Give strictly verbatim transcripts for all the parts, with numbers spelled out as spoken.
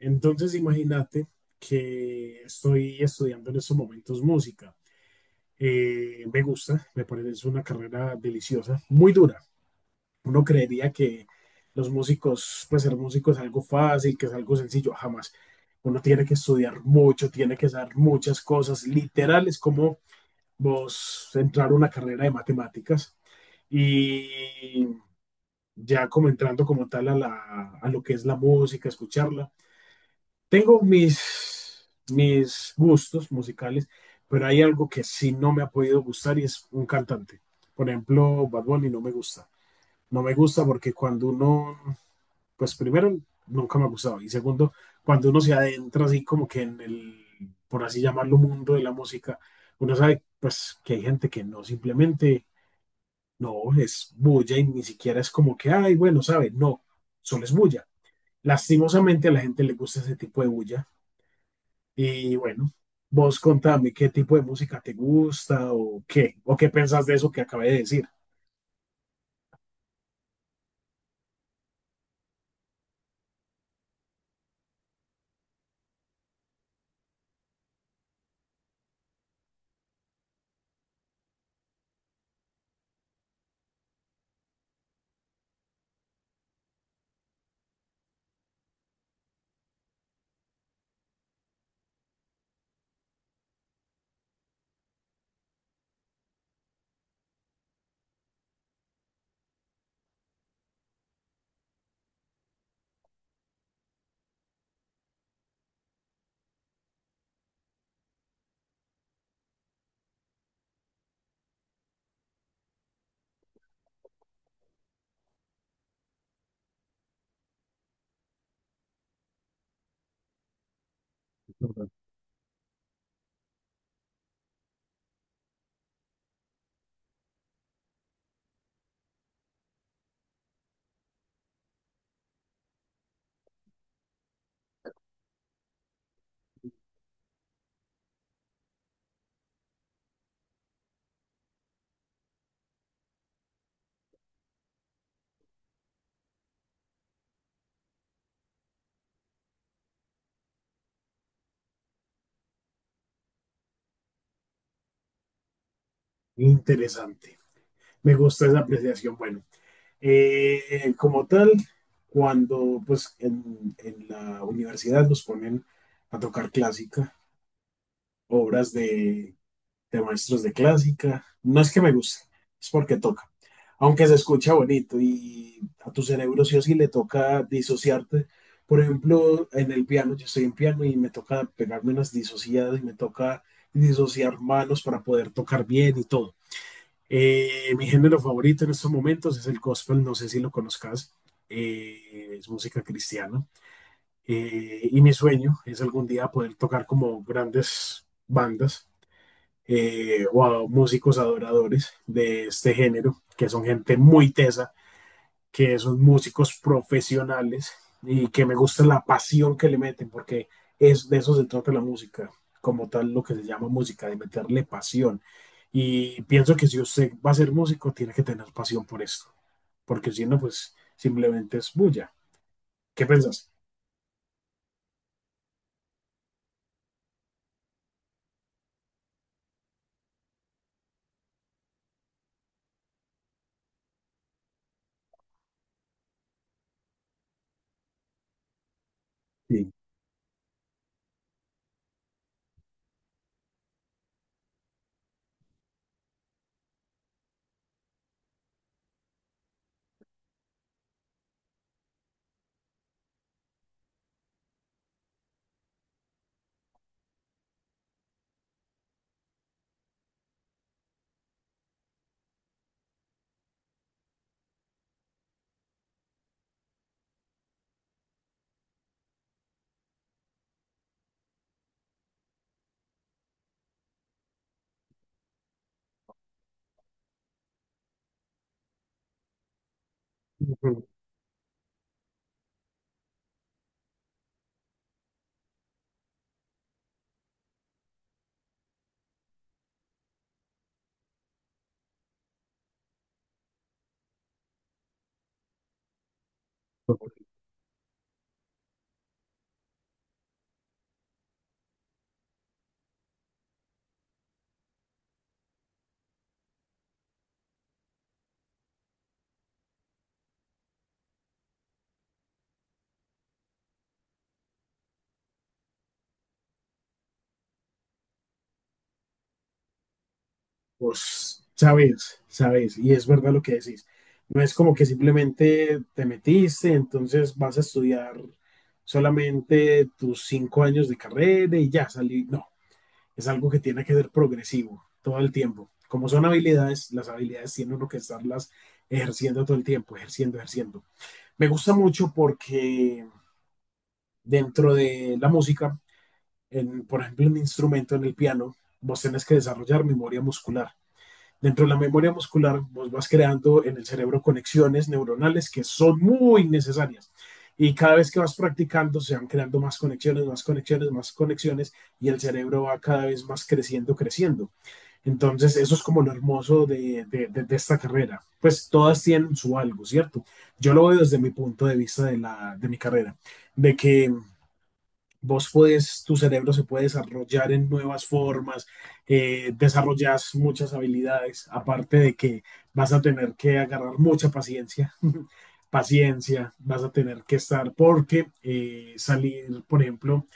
Entonces, imagínate que estoy estudiando en estos momentos música. Eh, me gusta, me parece es una carrera deliciosa, muy dura. Uno creería que los músicos, pues ser músico es algo fácil, que es algo sencillo, jamás. Uno tiene que estudiar mucho, tiene que saber muchas cosas. Literal, es como vos entrar a una carrera de matemáticas y ya como entrando como tal a, la, a lo que es la música, escucharla tengo mis, mis gustos musicales, pero hay algo que sí no me ha podido gustar y es un cantante. Por ejemplo, Bad Bunny no me gusta. No me gusta porque cuando uno, pues primero, nunca me ha gustado. Y segundo, cuando uno se adentra así como que en el, por así llamarlo, mundo de la música, uno sabe pues que hay gente que no simplemente, no, es bulla y ni siquiera es como que, ay, bueno, sabe, no, solo es bulla. Lastimosamente a la gente le gusta ese tipo de bulla y bueno, vos contame qué tipo de música te gusta o qué, o qué pensás de eso que acabé de decir. Interesante. Me gusta esa apreciación. Bueno, eh, eh, como tal, cuando pues en, en la universidad nos ponen a tocar clásica, obras de de maestros de clásica. No es que me guste, es porque toca. Aunque se escucha bonito y a tu cerebro sí o sí le toca disociarte. Por ejemplo, en el piano, yo estoy en piano y me toca pegarme unas disociadas y me toca disociar manos para poder tocar bien y todo. Eh, mi género favorito en estos momentos es el gospel, no sé si lo conozcas, eh, es música cristiana. Eh, y mi sueño es algún día poder tocar como grandes bandas eh, o a músicos adoradores de este género, que son gente muy tesa, que son músicos profesionales y que me gusta la pasión que le meten, porque es de eso se trata la música, como tal lo que se llama música, de meterle pasión. Y pienso que si usted va a ser músico, tiene que tener pasión por esto, porque si no, pues simplemente es bulla. ¿Qué pensás? Sí. Vos sabes, sabes, y es verdad lo que decís. No es como que simplemente te metiste, entonces vas a estudiar solamente tus cinco años de carrera y ya salí. No, es algo que tiene que ser progresivo todo el tiempo. Como son habilidades, las habilidades tiene uno que estarlas ejerciendo todo el tiempo, ejerciendo, ejerciendo. Me gusta mucho porque dentro de la música, en, por ejemplo, en un instrumento en el piano, vos tenés que desarrollar memoria muscular. Dentro de la memoria muscular vos vas creando en el cerebro conexiones neuronales que son muy necesarias. Y cada vez que vas practicando se van creando más conexiones, más conexiones, más conexiones y el cerebro va cada vez más creciendo, creciendo. Entonces eso es como lo hermoso de, de, de, de esta carrera. Pues todas tienen su algo, ¿cierto? Yo lo veo desde mi punto de vista de, la, de mi carrera, de que vos puedes, tu cerebro se puede desarrollar en nuevas formas, eh, desarrollas muchas habilidades, aparte de que vas a tener que agarrar mucha paciencia, paciencia, vas a tener que estar, porque eh, salir, por ejemplo,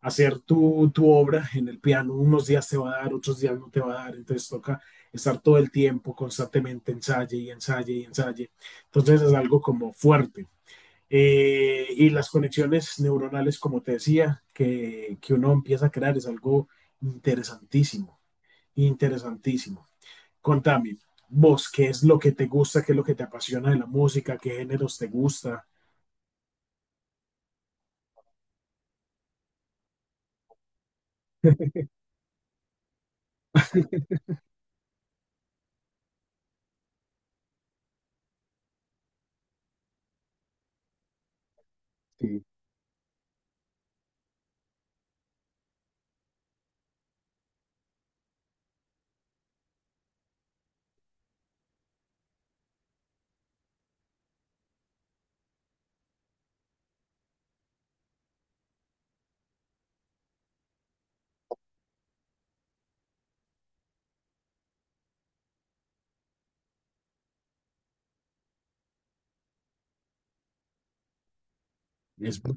hacer tu, tu obra en el piano, unos días te va a dar, otros días no te va a dar, entonces toca estar todo el tiempo constantemente ensaye y ensaye y ensaye. Entonces es algo como fuerte. Eh, y las conexiones neuronales, como te decía, que, que uno empieza a crear es algo interesantísimo, interesantísimo. Contame, vos, ¿qué es lo que te gusta, qué es lo que te apasiona de la música, qué géneros te gusta? Sí. Es listo.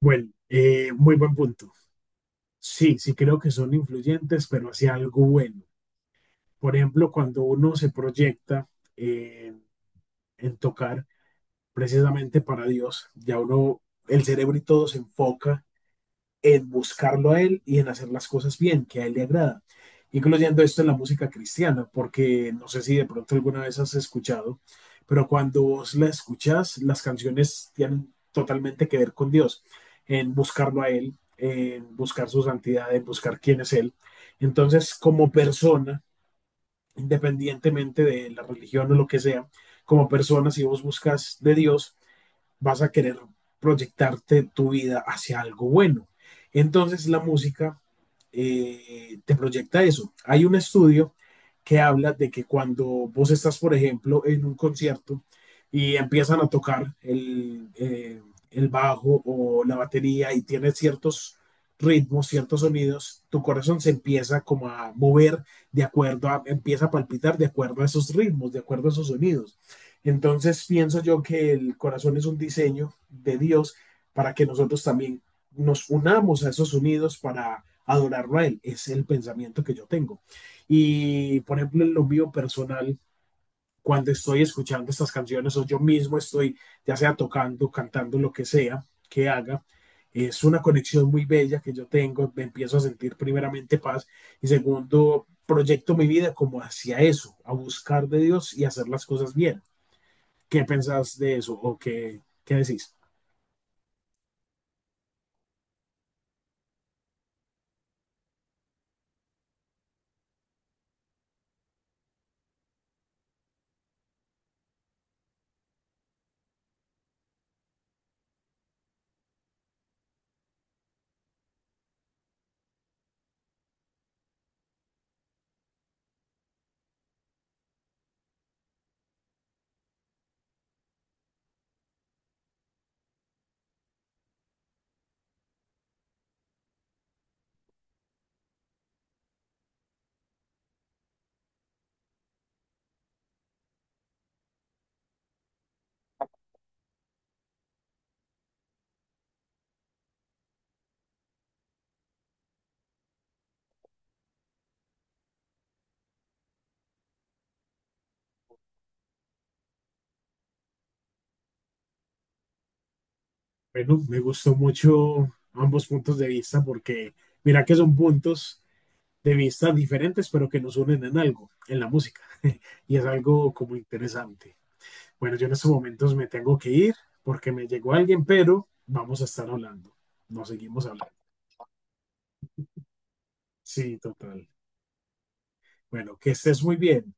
Bueno, eh, muy buen punto. Sí, sí creo que son influyentes, pero hacia algo bueno. Por ejemplo, cuando uno se proyecta eh, en tocar precisamente para Dios, ya uno, el cerebro y todo se enfoca en buscarlo a Él y en hacer las cosas bien, que a Él le agrada, incluyendo esto en la música cristiana, porque no sé si de pronto alguna vez has escuchado, pero cuando vos la escuchas, las canciones tienen totalmente que ver con Dios, en buscarlo a Él, en buscar su santidad, en buscar quién es Él. Entonces, como persona, independientemente de la religión o lo que sea, como persona, si vos buscas de Dios, vas a querer proyectarte tu vida hacia algo bueno. Entonces la música eh, te proyecta eso. Hay un estudio que habla de que cuando vos estás, por ejemplo, en un concierto y empiezan a tocar el, eh, el bajo o la batería y tiene ciertos ritmos, ciertos sonidos, tu corazón se empieza como a mover de acuerdo a, empieza a palpitar de acuerdo a esos ritmos, de acuerdo a esos sonidos. Entonces pienso yo que el corazón es un diseño de Dios para que nosotros también nos unamos a esos unidos para adorarlo a Él. Es el pensamiento que yo tengo. Y por ejemplo, en lo mío personal, cuando estoy escuchando estas canciones o yo mismo estoy, ya sea tocando, cantando, lo que sea que haga, es una conexión muy bella que yo tengo. Me empiezo a sentir primeramente paz y segundo, proyecto mi vida como hacia eso, a buscar de Dios y hacer las cosas bien. ¿Qué pensás de eso o qué, qué decís? Bueno, me gustó mucho ambos puntos de vista porque mira que son puntos de vista diferentes, pero que nos unen en algo, en la música. Y es algo como interesante. Bueno, yo en estos momentos me tengo que ir porque me llegó alguien, pero vamos a estar hablando. Nos seguimos hablando. Sí, total. Bueno, que estés muy bien.